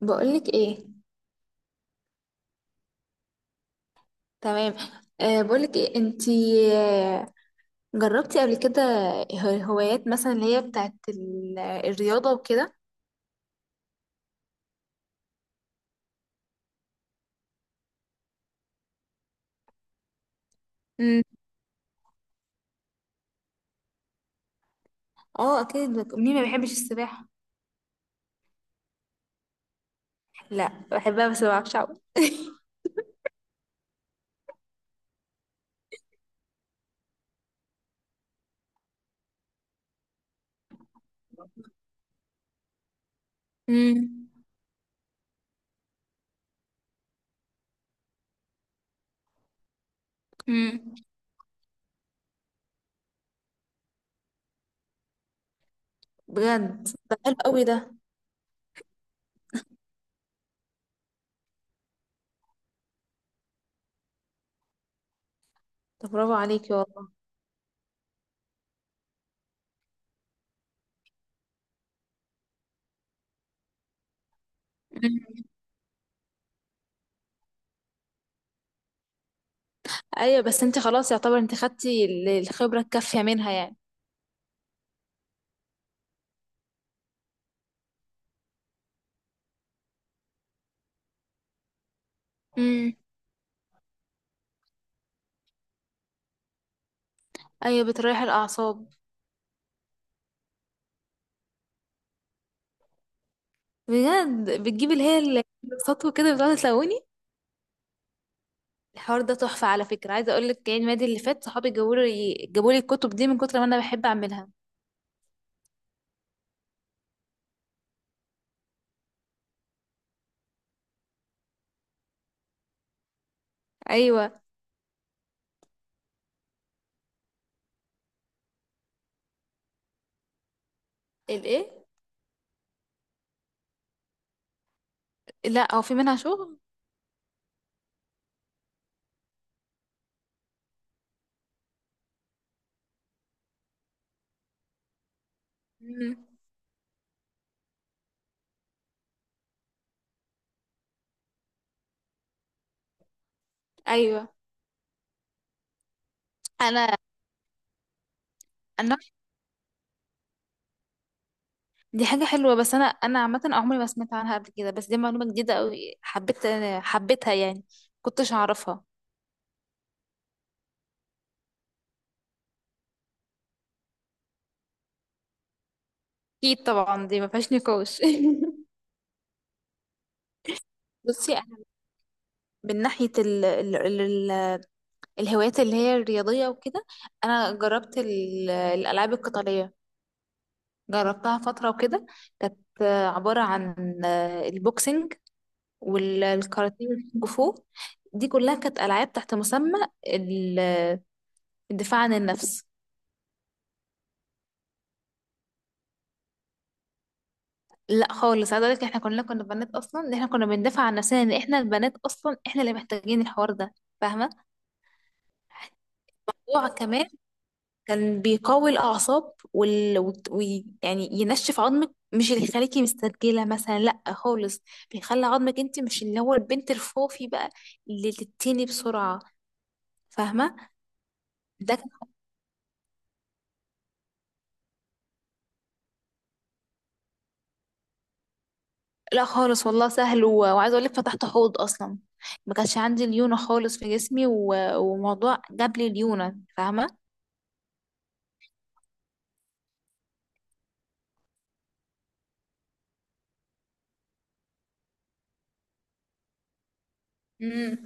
بقولك ايه؟ تمام. أه، بقولك ايه انتي؟ آه. جربتي قبل كده؟ هوايات مثلا اللي هي بتاعت الرياضة وكده. امم. اه اكيد، مين ما بيحبش السباحة؟ لا، بحبها بس ما بعرفش اعوم. امم. امم. بجد، ده حلو قوي ده. طب برافو عليكي والله. مم. ايوه، بس انتي خلاص يعتبر انتي خدتي الخبرة الكافية منها يعني. امم. ايوه، بتريح الاعصاب. بجد، بتجيبي اللي هي السطو كده، بتقعد تلوني؟ الحوار ده تحفة. على فكرة، عايزة اقول لك يعني المادة اللي فات صحابي جابوا لي الكتب دي من كتر ما انا بحب اعملها. ايوه. الايه؟ لا، هو في منها شغل. مم. ايوه، انا انا دي حاجة حلوة. بس انا عامة عمري ما سمعت عنها قبل كده، بس دي معلومة جديدة قوي، حبيتها يعني، كنتش اعرفها. اكيد طبعا، دي ما فيهاش نقاش. بصي، انا من ناحيه ال ال ال الهوايات اللي هي الرياضيه وكده. انا جربت الالعاب القتاليه، جربتها فترة وكده. كانت عبارة عن البوكسنج والكاراتيه والكونغ فو. دي كلها كانت ألعاب تحت مسمى ال- الدفاع عن النفس. لا خالص، عايزة اقولك احنا كلنا كنا بنات. اصلا ان احنا كنا بندافع عن نفسنا، ان احنا البنات اصلا احنا اللي محتاجين الحوار ده. فاهمة؟ الموضوع كمان كان بيقوي الأعصاب يعني ينشف عظمك، مش اللي يخليكي مسترجلة مثلا، لأ خالص. بيخلي عظمك انت، مش اللي هو البنت الفوفي بقى، اللي تتني بسرعة. فاهمة؟ ده كان... لأ خالص والله، سهل، وعايزة أقولك فتحت حوض أصلا. ما كانش عندي ليونة خالص في جسمي، وموضوع جاب لي ليونة، فاهمة؟ امم.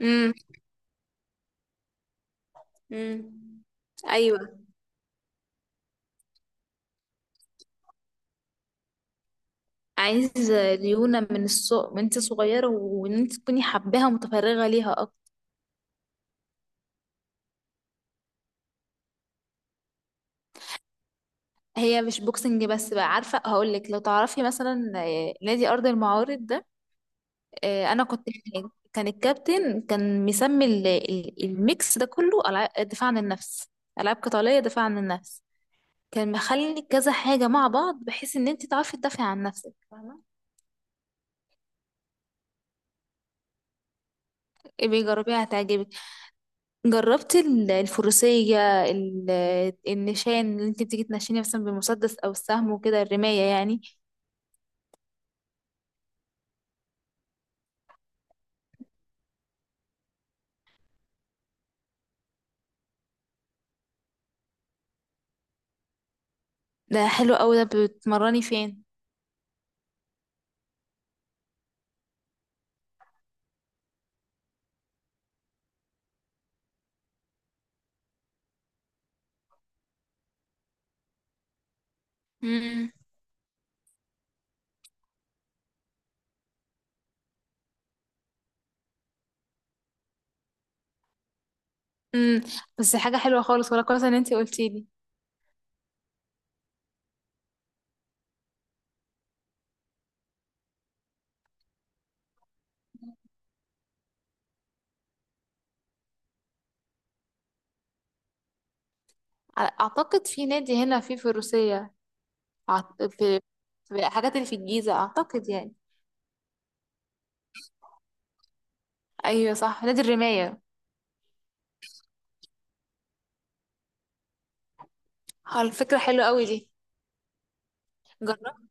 امم. امم. أيوة. عايز ليونة من السوق، من انت صغيرة وان انت تكوني حباها متفرغة ليها. هي مش بوكسنج بس بقى، عارفة هقول لك، لو تعرفي مثلا نادي أرض المعارض ده. أنا كنت هناك، كان الكابتن كان مسمي الميكس ده كله، دفاع عن النفس، ألعاب قتالية، دفاع عن النفس. كان مخلي كذا حاجة مع بعض بحيث إن أنت تعرفي تدافعي عن نفسك، فاهمة؟ إيه، بيجربيها هتعجبك. جربت الفروسية، النشان اللي أنت بتيجي تنشيني مثلا بالمسدس أو السهم وكده، الرماية يعني. ده حلو أوي ده، بتمرني فين؟ امم. بس حاجه حلوه خالص، ولا كويس ان انت قلتي لي. اعتقد في نادي هنا في الروسيه. أعت- في في الحاجات اللي في الجيزه اعتقد يعني. ايوه صح، نادي الرمايه. اه، الفكره حلوه قوي دي. جربت.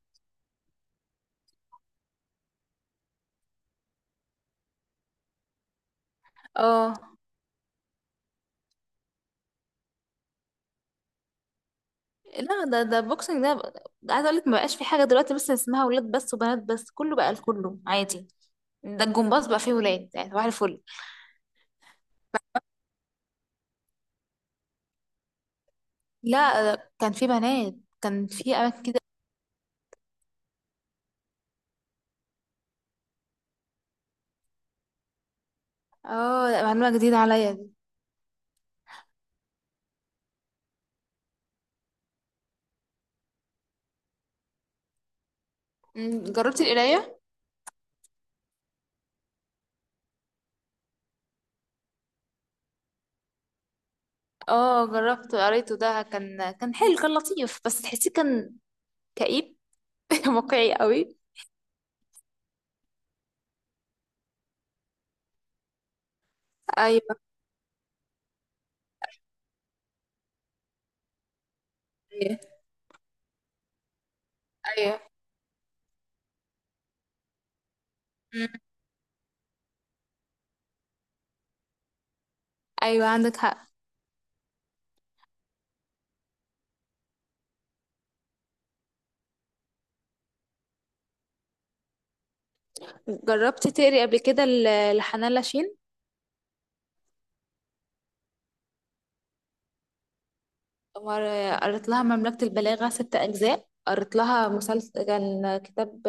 اه لا، ده بوكسنج ده. ده عايزه اقول لك، ما بقاش في حاجه دلوقتي بس اسمها ولاد بس وبنات بس، كله بقى لكله عادي. ده الجمباز بقى فيه ولاد، يعني صباح الفل. لا، ده كان فيه بنات، كان فيه اماكن كده. اه لا، معلومه جديده عليا دي. جربتي القرايه؟ اه، جربته قريته، ده كان حلو، كان لطيف، بس تحسيه كان كئيب. واقعي قوي. ايوه، ايوه، ايوه. مم. ايوه، عندك حق. جربت تقري قبل كده لحنان لاشين؟ قريت لها مملكة البلاغة ست أجزاء، قريت لها مسلسل كان كتاب.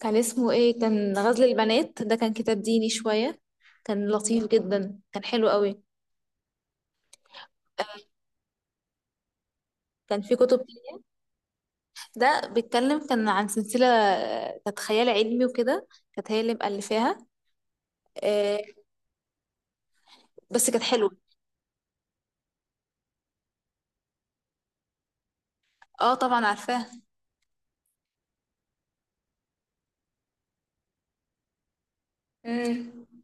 كان اسمه ايه؟ كان غزل البنات، ده كان كتاب ديني شوية، كان لطيف جدا، كان حلو قوي. كان في كتب، ده بيتكلم كان عن سلسلة، كانت خيال علمي وكده، كانت هي اللي مؤلفاها. آه، بس كانت حلوة. اه طبعا، عارفاها. امم.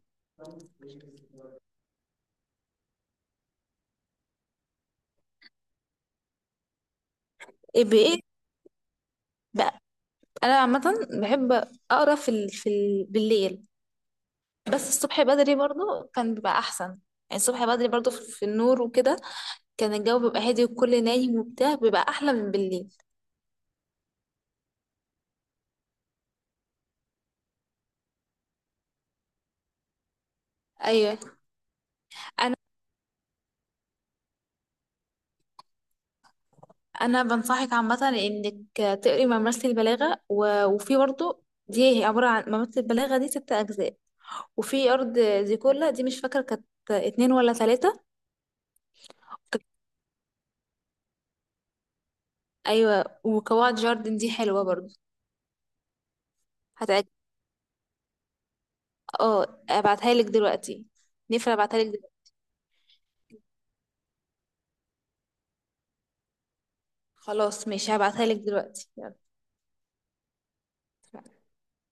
ايه بايه بقى؟ انا عامة بحب اقرا بالليل. بس الصبح بدري برضو كان بيبقى احسن يعني. الصبح بدري برضو في النور وكده، كان الجو بيبقى هادي والكل نايم وبتاع، بيبقى احلى من بالليل. ايوه. انا انا بنصحك عامه انك تقري ممارسه البلاغه، وفي برضه دي عباره عن ممارسه البلاغه دي ست اجزاء. وفي ارض زيكولا دي، مش فاكره كانت اتنين ولا تلاتة. ايوه، وقواعد جاردن دي حلوه برضو. هتعجب. اه، ابعتها لك دلوقتي. نفر ابعتها لك دلوقتي. خلاص ماشي، هبعتها لك دلوقتي، يلا.